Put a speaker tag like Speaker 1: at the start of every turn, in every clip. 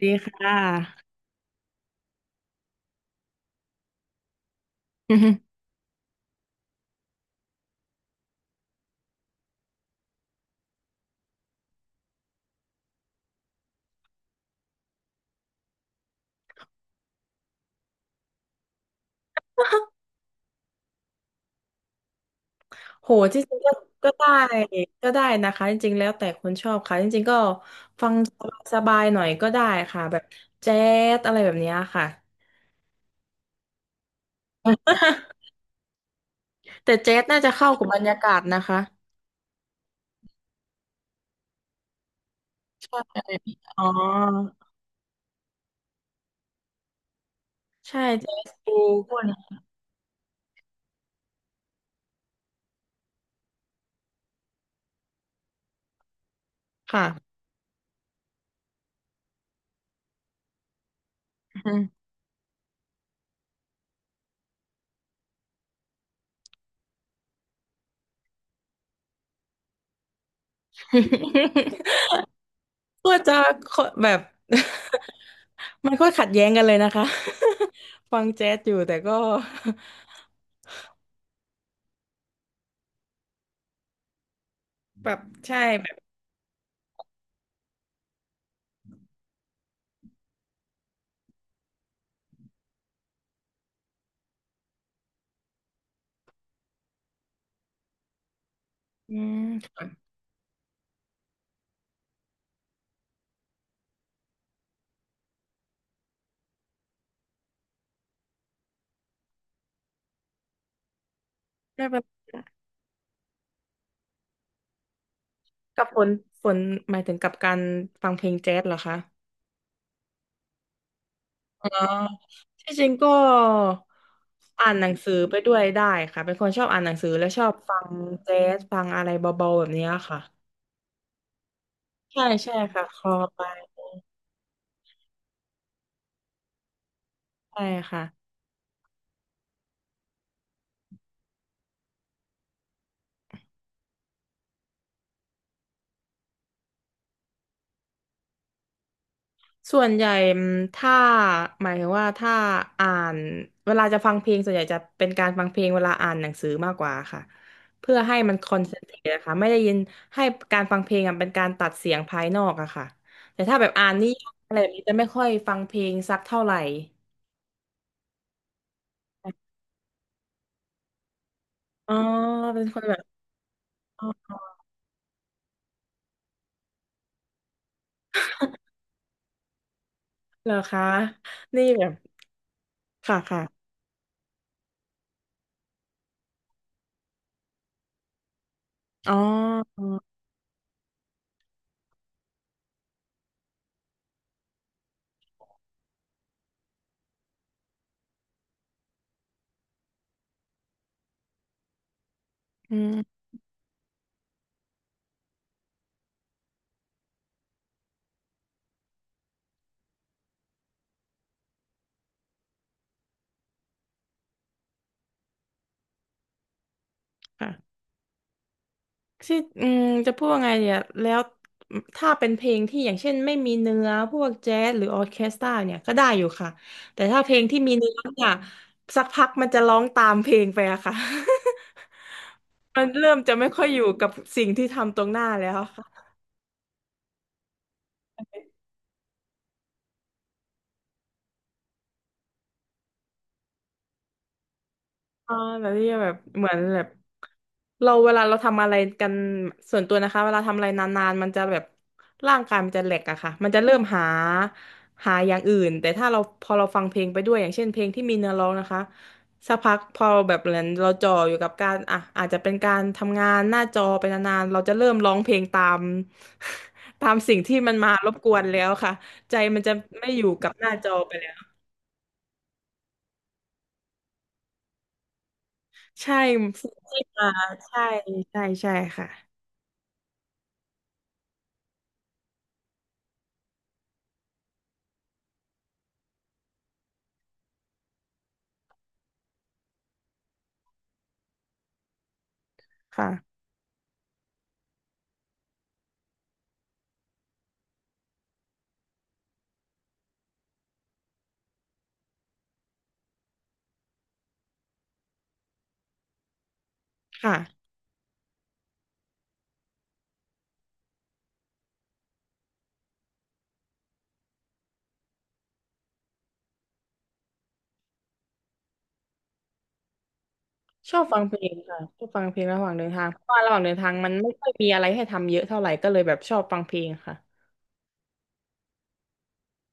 Speaker 1: ดีค่ะ โหจริงๆก็ก็ได้ ก็ได้นะคะ จริงๆ แล้วแต่คนชอบค่ะ จริงๆ ก็ฟังสบายๆหน่อยก็ได้ค่ะ แบบแจ๊สอะไรแบบเนี้ยค่ะ แต่แจ๊สน่าจะเข้ากับบรรยากาศนะคะเอออ๋อ ใช่แจ๊สดูพวกนี้ค่ะ อืม ก็จะแบบ มันก็ขัดแย้งกันเลยนะคะ ฟังแจ๊สอยู่แต่ก็ แบบใช่แบบอืม ได้แบบกับฝนฝนหมายถึงกับการฟังเพลงแจ๊สเหรอคะอ๋อที่จริงก็อ่านหนังสือไปด้วยได้ค่ะเป็นคนชอบอ่านหนังสือและชอบฟังแจ๊สฟังอะไรเบาๆแบบเนี้ยค่ะใช่ใช่ค่ะคลอไปใช่ค่ะ ส่วนใหญ่อืมถ้าหมายถึงว่าถ้าอ่านเวลาจะฟังเพลงส่วนใหญ่จะเป็นการฟังเพลงเวลาอ่านหนังสือมากกว่าค่ะเพื่อให้มันคอนเซนเทรตนะคะไม่ได้ยินให้การฟังเพลงอะเป็นการตัดเสียงภายนอกอะค่ะแต่ถ้าแบบอ่านนิยายอะไรแบบนี้จะไม่ค่อยฟังเพลงสักเท่าไหร่อ๋อเป็นคนแบบอ๋อเหรอคะนี่แบบค่ะค่ะอ๋ออืมค่ะ ที่อืมจะพูดว่าไงเนี่ยแล้วถ้าเป็นเพลงที่อย่างเช่นไม่มีเนื้อพวกแจ๊สหรือออร์เคสตราเนี่ยก็ได้อยู่ค่ะแต่ถ้าเพลงที่มีเนื้อเนี่ยสักพักมันจะร้องตามเพลงไปอะค่ะ มันเริ่มจะไม่ค่อยอยู่กับสิ่งที่ทำตรงหน้าแล้ว อ่าแบบที่แบบเหมือนแบบเราเวลาเราทำอะไรกันส่วนตัวนะคะเวลาทำอะไรนานๆมันจะแบบร่างกายมันจะแหลกอะค่ะมันจะเริ่มหาหาอย่างอื่นแต่ถ้าเราพอเราฟังเพลงไปด้วยอย่างเช่นเพลงที่มีเนื้อร้องนะคะสักพักพอแบบเหมือนเราจ่ออยู่กับการอ่ะอาจจะเป็นการทำงานหน้าจอไปนานๆเราจะเริ่มร้องเพลงตาม ตามสิ่งที่มันมารบกวนแล้วค่ะใจมันจะไม่อยู่กับหน้าจอไปแล้วใช่สิ่งที่มาใช่ใช่ใช่ค่ะ ค่ะค่ะ ชอบฟังเพลงค่ะ ชอบฟังเพลงระหว่างเดินทาง เพราะว่าระหว่างเดินทางมันไม่ค่อยมีอะไรให้ทำเยอะเท่าไหร่ก็เลยแบบชอบฟังเพลงค่ะ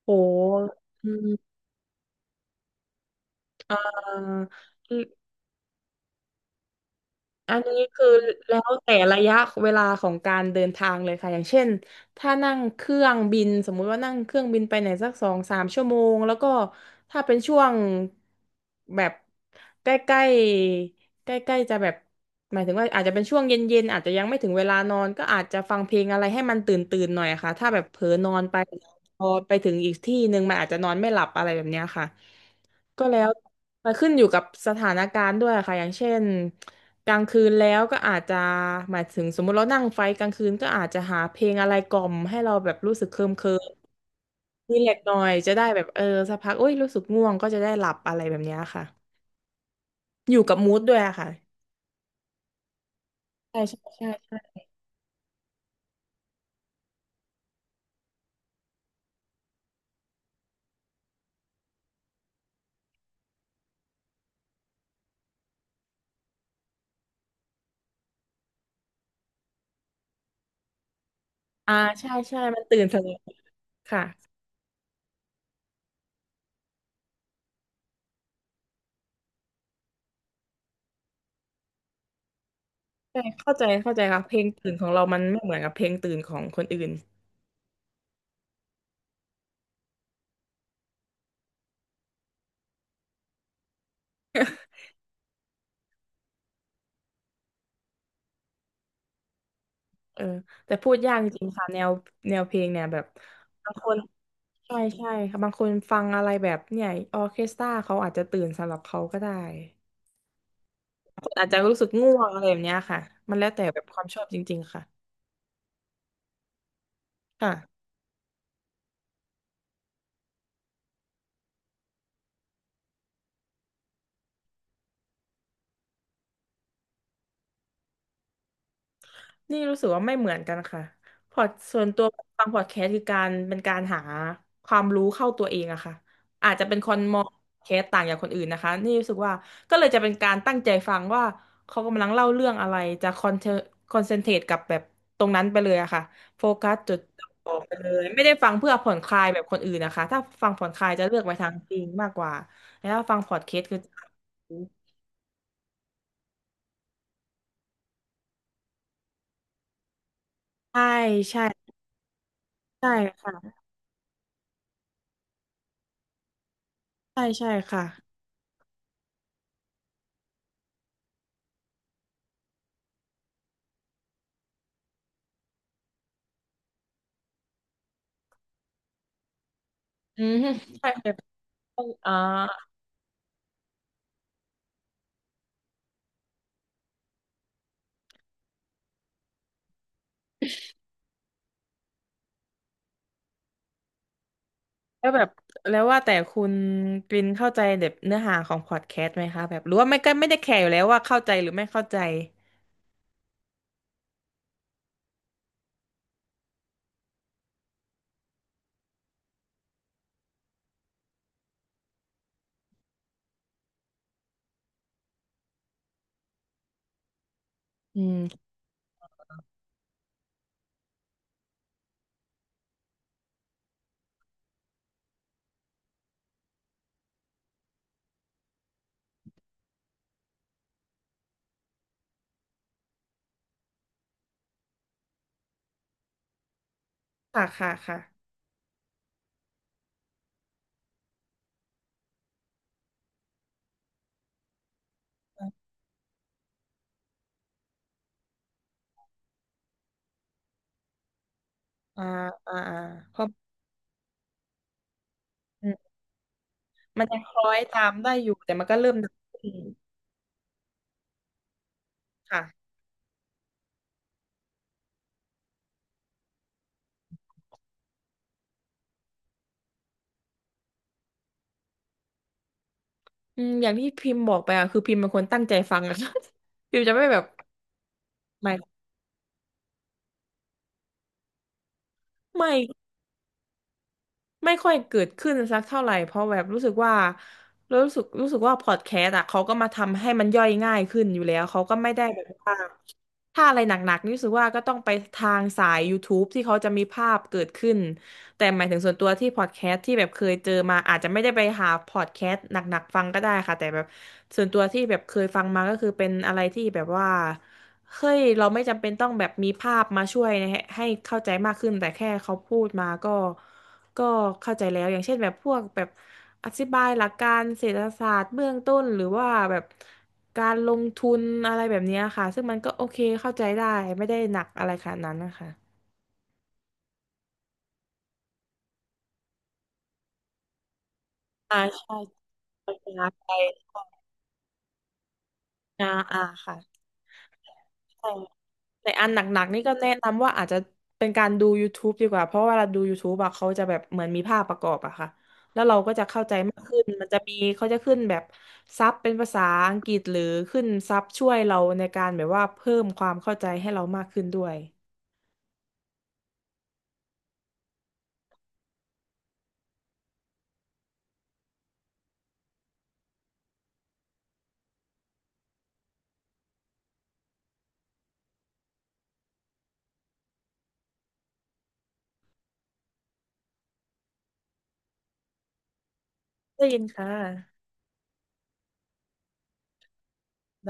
Speaker 1: โหอืมเอ่อ อันนี้คือแล้วแต่ระยะเวลาของการเดินทางเลยค่ะอย่างเช่นถ้านั่งเครื่องบินสมมุติว่านั่งเครื่องบินไปไหนสัก2-3 ชั่วโมงแล้วก็ถ้าเป็นช่วงแบบใกล้ๆใกล้ๆจะแบบหมายถึงว่าอาจจะเป็นช่วงเย็นๆอาจจะยังไม่ถึงเวลานอนก็อาจจะฟังเพลงอะไรให้มันตื่นตื่นหน่อยอะค่ะถ้าแบบเผลอนอนไปพอไปถึงอีกที่หนึ่งมันอาจจะนอนไม่หลับอะไรแบบเนี้ยค่ะ ก็แล้วมันขึ้นอยู่กับสถานการณ์ด้วยค่ะอย่างเช่นกลางคืนแล้วก็อาจจะหมายถึงสมมติเรานั่งไฟกลางคืนก็อาจจะหาเพลงอะไรกล่อมให้เราแบบรู้สึกเคลิมเคลิมรีแลกซ์หน่อยจะได้แบบเออสักพักโอ้ยรู้สึกง่วงก็จะได้หลับอะไรแบบเนี้ยค่ะอยู่กับมูดด้วยอะค่ะใช่ใช่ใช่ใช่อ่าใช่ใช่มันตื่นสนุกค่ะใช่เข้าใจเข้าใจค่ะเพลงตื่นของเรามันไม่เหมือนกับเพลงตื่นของคนอื่นเออแต่พูดยากจริงๆค่ะแนวแนวเพลงเนี่ยแบบบางคน ใช่ใช่ค่ะบางคนฟังอะไรแบบเนี่ยออร์เคสตราเขาอาจจะตื่นสำหรับเขาก็ได้คนอาจจะรู้สึกง่วงอะไรแบบเนี้ยค่ะมันแล้วแต่แบบความชอบจริงๆค่ะค่ะ นี่รู้สึกว่าไม่เหมือนกันค่ะพอดส่วนตัวฟังพอดแคสต์คือการเป็นการหาความรู้เข้าตัวเองอะค่ะอาจจะเป็นคนมองพอดแคสต์ต่างจากคนอื่นนะคะนี่รู้สึกว่าก็เลยจะเป็นการตั้งใจฟังว่าเขากำลังเล่าเรื่องอะไรจะคอนเทคอนเซนเทรตกับแบบตรงนั้นไปเลยอะค่ะโฟกัสจดจ่ไปเลยไม่ได้ฟังเพื่อผ่อนคลายแบบคนอื่นนะคะถ้าฟังผ่อนคลายจะเลือกไปทางจริงมากกว่าแล้วถ้าฟังพอดแคสต์คือจะใช่ใช่ใช่ค่ะใช่ใช่ค่ะอืมใช่ อ่าแล้วแบบแล้วว่าแต่คุณกรินเข้าใจแบบเนื้อหาของพอดแคสต์ไหมคะแบบหรือว่าไม่ก็ไม่ได้แคร์อยู่แล้วว่าเข้าใจหรือไม่เข้าใจอืมค่ะค่ะค่ะอ่าอ่าอ่าเพราะอืมมันยังคล้อยตามได้อยู่แต่มันก็เริ่มดังขึ้นค่ะอืมอย่างที่พิมพ์บอกไปอะคือพิมพ์เป็นคนตั้งใจฟังอะ ค่ะ พิมพ์จะไม่แบบไม่ไม่ ไม่ค่อยเกิดขึ้นสักเท่าไหร่เพราะแบบรู้สึกว่ารู้สึกว่าพอดแคสต์อ่ะเขาก็มาทำให้มันย่อยง่ายขึ้นอยู่แล้วเขาก็ไม่ได้แบบว่าถ้าอะไรหนักๆนี่รู้สึกว่าก็ต้องไปทางสายย o u t u b e ที่เขาจะมีภาพเกิดขึ้นแต่หมายถึงส่วนตัวที่พอดแคสต์ที่แบบเคยเจอมาอาจจะไม่ได้ไปหาพอดแคสต์หนักๆฟังก็ได้ค่ะแต่แบบส่วนตัวที่แบบเคยฟังมาก็คือเป็นอะไรที่แบบว่าเฮ้ยเราไม่จำเป็นต้องแบบมีภาพมาช่วยให้ให้เข้าใจมากขึ้นแต่แค่เขาพูดมาก็ ก็เข้าใจแล้วอย่างเช่นแบบพวกแบบอธิบายหลักการเศรษฐศาสตร์เบื้องต้นหรือว่าแบบการลงทุนอะไรแบบเนี้ยค่ะซึ่งมันก็โอเคเข้าใจได้ไม่ได้หนักอะไรขนาดนั้นนะคะอ่าใช่ภาษาไทยอ่าอ่าค่ะ แต่อันหนักๆนี่ก็แนะนำว่าอาจจะเป็นการดู YouTube ดีกว่าเพราะว่าเวลาดู YouTube อะเขาจะแบบเหมือนมีภาพประกอบอะค่ะแล้วเราก็จะเข้าใจมากขึ้นมันจะมีเขาจะขึ้นแบบซับเป็นภาษาอังกฤษหรือขึ้นซับช่วยเราในการแบบว่าเพิ่มความเข้าใจให้เรามากขึ้นด้วยได้ยินค่ะ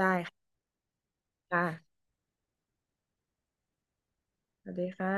Speaker 1: ได้ค่ะสวัสดีค่ะ